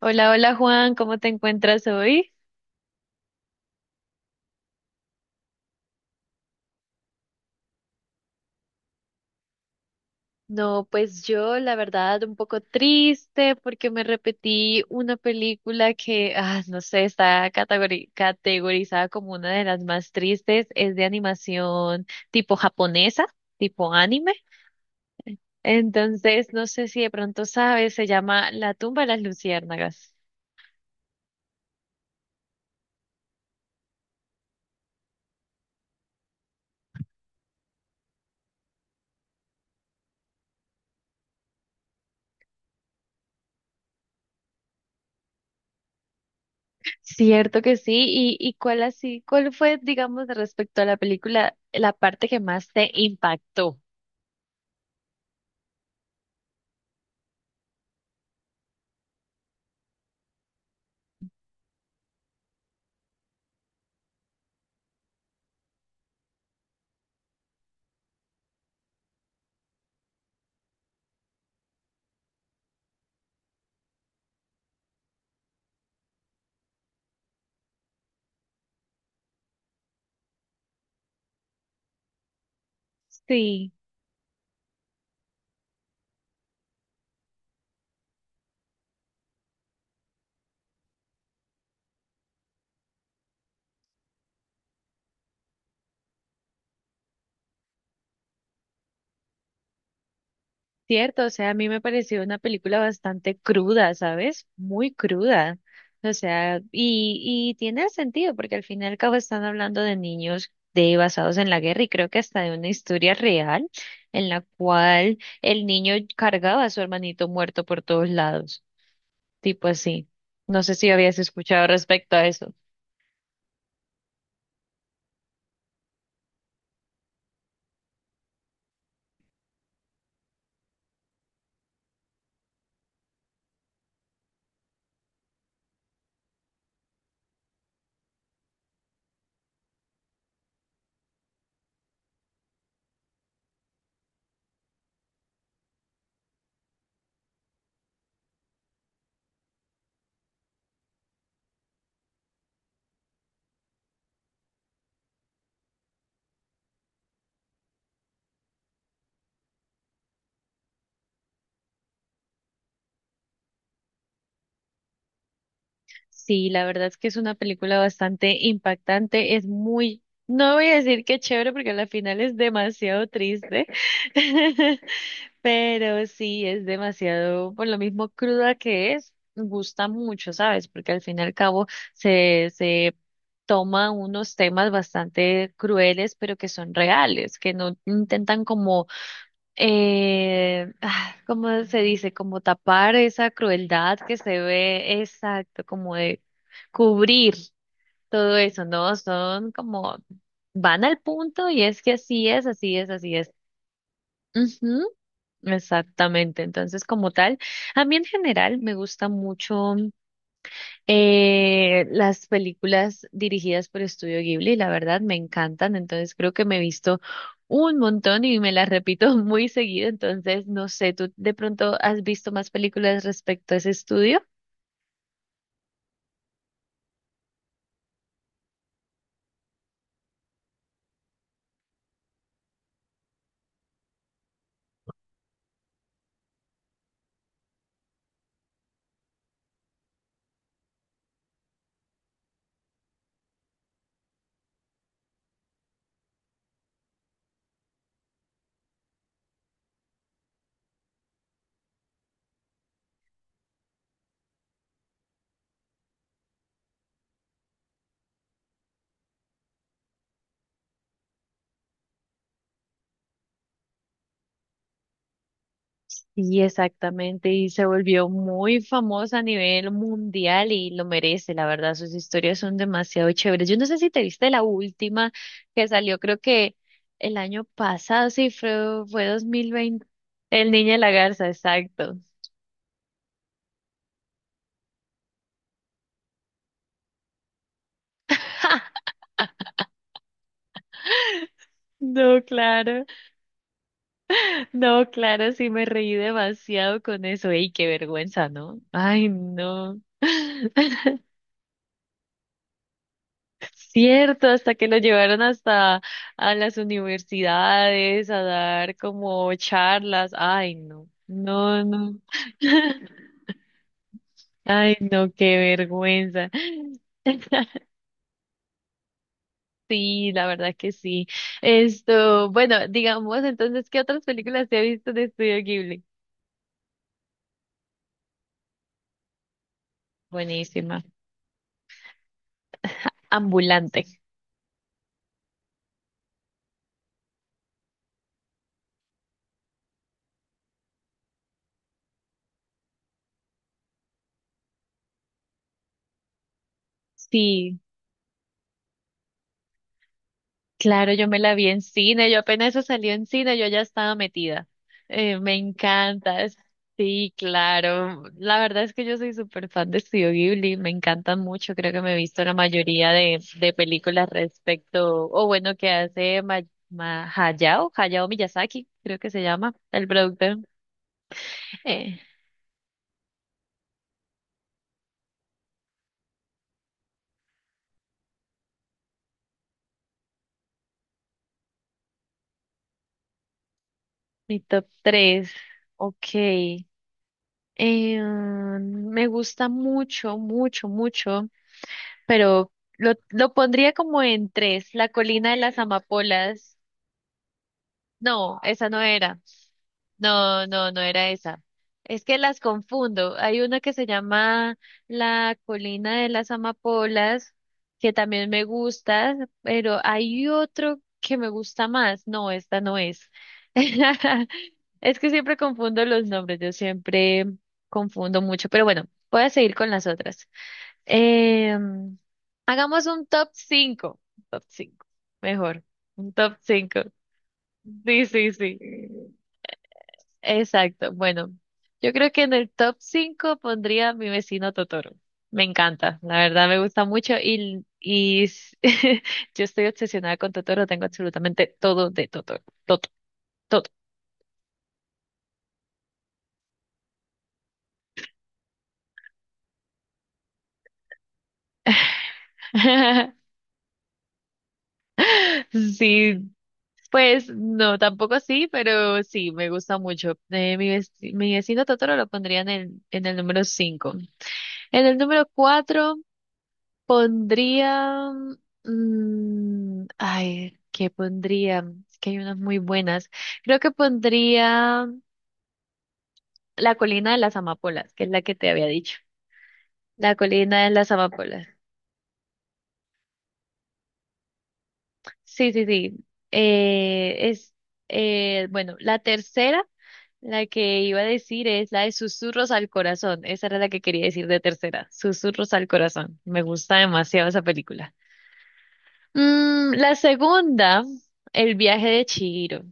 Hola, hola Juan, ¿cómo te encuentras hoy? No, pues yo la verdad un poco triste porque me repetí una película que, ah, no sé, está categorizada como una de las más tristes, es de animación tipo japonesa, tipo anime. Entonces, no sé si de pronto sabes, se llama La tumba de las luciérnagas. Cierto que sí, y cuál así, cuál fue, digamos, respecto a la película, la parte que más te impactó. Sí. Cierto, o sea, a mí me pareció una película bastante cruda, ¿sabes? Muy cruda. O sea, y tiene sentido, porque al fin y al cabo están hablando de niños de basados en la guerra y creo que hasta de una historia real en la cual el niño cargaba a su hermanito muerto por todos lados, tipo así. No sé si habías escuchado respecto a eso. Sí, la verdad es que es una película bastante impactante, es muy, no voy a decir que chévere porque a la final es demasiado triste, pero sí es demasiado, por lo mismo cruda que es, gusta mucho, ¿sabes? Porque al fin y al cabo se toma unos temas bastante crueles, pero que son reales, que no intentan como ah, ¿cómo se dice? Como tapar esa crueldad que se ve, exacto, como de cubrir todo eso, ¿no? Son como, van al punto y es que así es, así es, así es. Ujú, exactamente. Entonces, como tal, a mí en general me gusta mucho. Las películas dirigidas por Estudio Ghibli, la verdad, me encantan, entonces creo que me he visto un montón y me las repito muy seguido, entonces no sé, ¿tú de pronto has visto más películas respecto a ese estudio? Y exactamente, y se volvió muy famosa a nivel mundial y lo merece, la verdad, sus historias son demasiado chéveres. Yo no sé si te viste la última que salió, creo que el año pasado, sí, fue 2020. El Niño y la Garza, exacto. No, claro, no, claro, sí me reí demasiado con eso. Ey, qué vergüenza, ¿no? Ay, no. Cierto, hasta que lo llevaron hasta a las universidades a dar como charlas. Ay, no, no, no. Ay, no, qué vergüenza. Sí, la verdad que sí. Esto, bueno, digamos entonces, ¿qué otras películas te has visto de Estudio Ghibli? Buenísima. Ambulante. Sí. Claro, yo me la vi en cine, yo apenas eso salió en cine, yo ya estaba metida. Me encanta. Sí, claro. La verdad es que yo soy súper fan de Studio Ghibli, me encanta mucho, creo que me he visto la mayoría de películas respecto, o bueno, que hace Hayao, Hayao Miyazaki, creo que se llama, el productor. Eh, Mi top tres, ok. Me gusta mucho, mucho, mucho. Pero lo pondría como en tres, La colina de las amapolas. No, esa no era. No, no, no era esa. Es que las confundo. Hay una que se llama La colina de las amapolas, que también me gusta, pero hay otro que me gusta más. No, esta no es. Es que siempre confundo los nombres, yo siempre confundo mucho, pero bueno, voy a seguir con las otras. Em, Hagamos un top 5. Top 5, mejor. Un top 5. Sí, sí, sí. Exacto. Bueno, yo creo que en el top 5 pondría a mi vecino Totoro. Me encanta, la verdad me gusta mucho y, yo estoy obsesionada con Totoro, tengo absolutamente todo de Totoro. Todo, todo. Sí, pues no, tampoco así, pero sí, me gusta mucho. Mi vecino Totoro lo pondría en en el número cinco. En el número 4 pondría... mm, ay, ¿qué pondría? Es que hay unas muy buenas. Creo que pondría La colina de las amapolas, que es la que te había dicho. La colina de las amapolas. Sí, sí, sí. Eh, es, bueno, la tercera, la que iba a decir es la de Susurros al Corazón. Esa era la que quería decir de tercera, Susurros al Corazón. Me gusta demasiado esa película. Mm, la segunda, El viaje de Chihiro.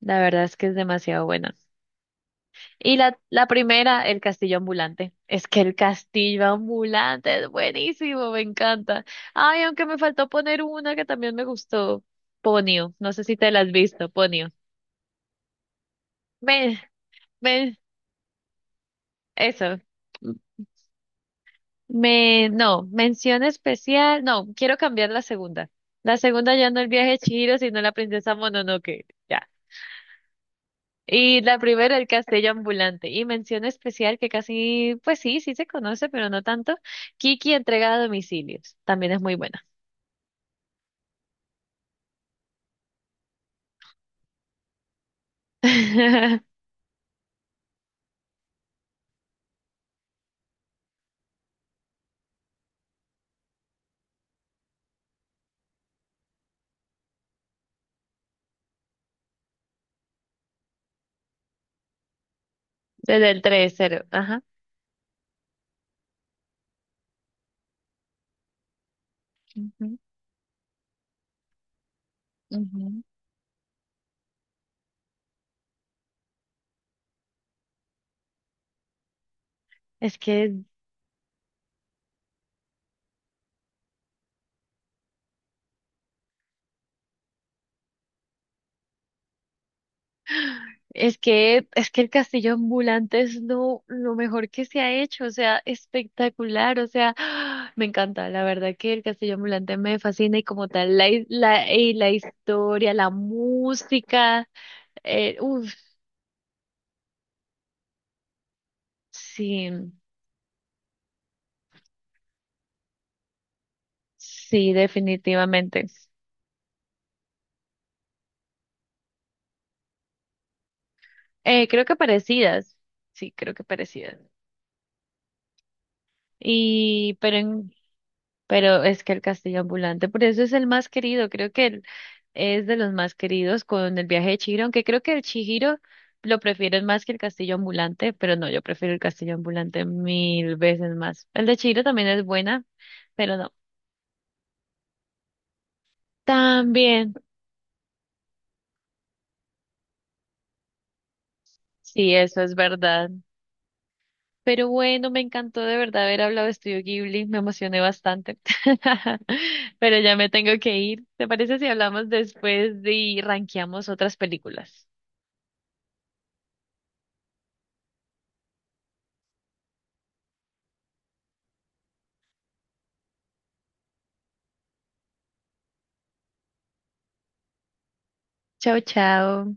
La verdad es que es demasiado buena. Y la primera, el castillo ambulante. Es que el castillo ambulante es buenísimo, me encanta. Ay, aunque me faltó poner una que también me gustó, Ponio. No sé si te la has visto, Ponio. Me, me, eso. Me, no, mención especial. No, quiero cambiar la segunda. La segunda ya no el viaje de Chihiro, sino la princesa Mononoke. Ya. Y la primera, el castillo ambulante. Y mención especial que casi, pues sí, sí se conoce, pero no tanto. Kiki entrega a domicilios. También es muy buena. Desde el tres cero. Ajá. Ujú. Ujú. Es que, es que el castillo ambulante es lo mejor que se ha hecho, o sea, espectacular, o sea, me encanta, la verdad que el castillo ambulante me fascina y como tal, y la historia, la música, uff, sí. Sí, definitivamente. Creo que parecidas. Sí, creo que parecidas. Y, pero en, pero es que el castillo ambulante, por eso es el más querido. Creo que el- es de los más queridos con el viaje de Chihiro, aunque creo que el Chihiro lo prefieren más que el castillo ambulante, pero no, yo prefiero el castillo ambulante mil veces más. El de Chihiro también es buena, pero no. También, sí, eso es verdad. Pero bueno, me encantó de verdad haber hablado de Estudio Ghibli, me emocioné bastante. Pero ya me tengo que ir. ¿Te parece si hablamos después y rankeamos otras películas? Chao, chao.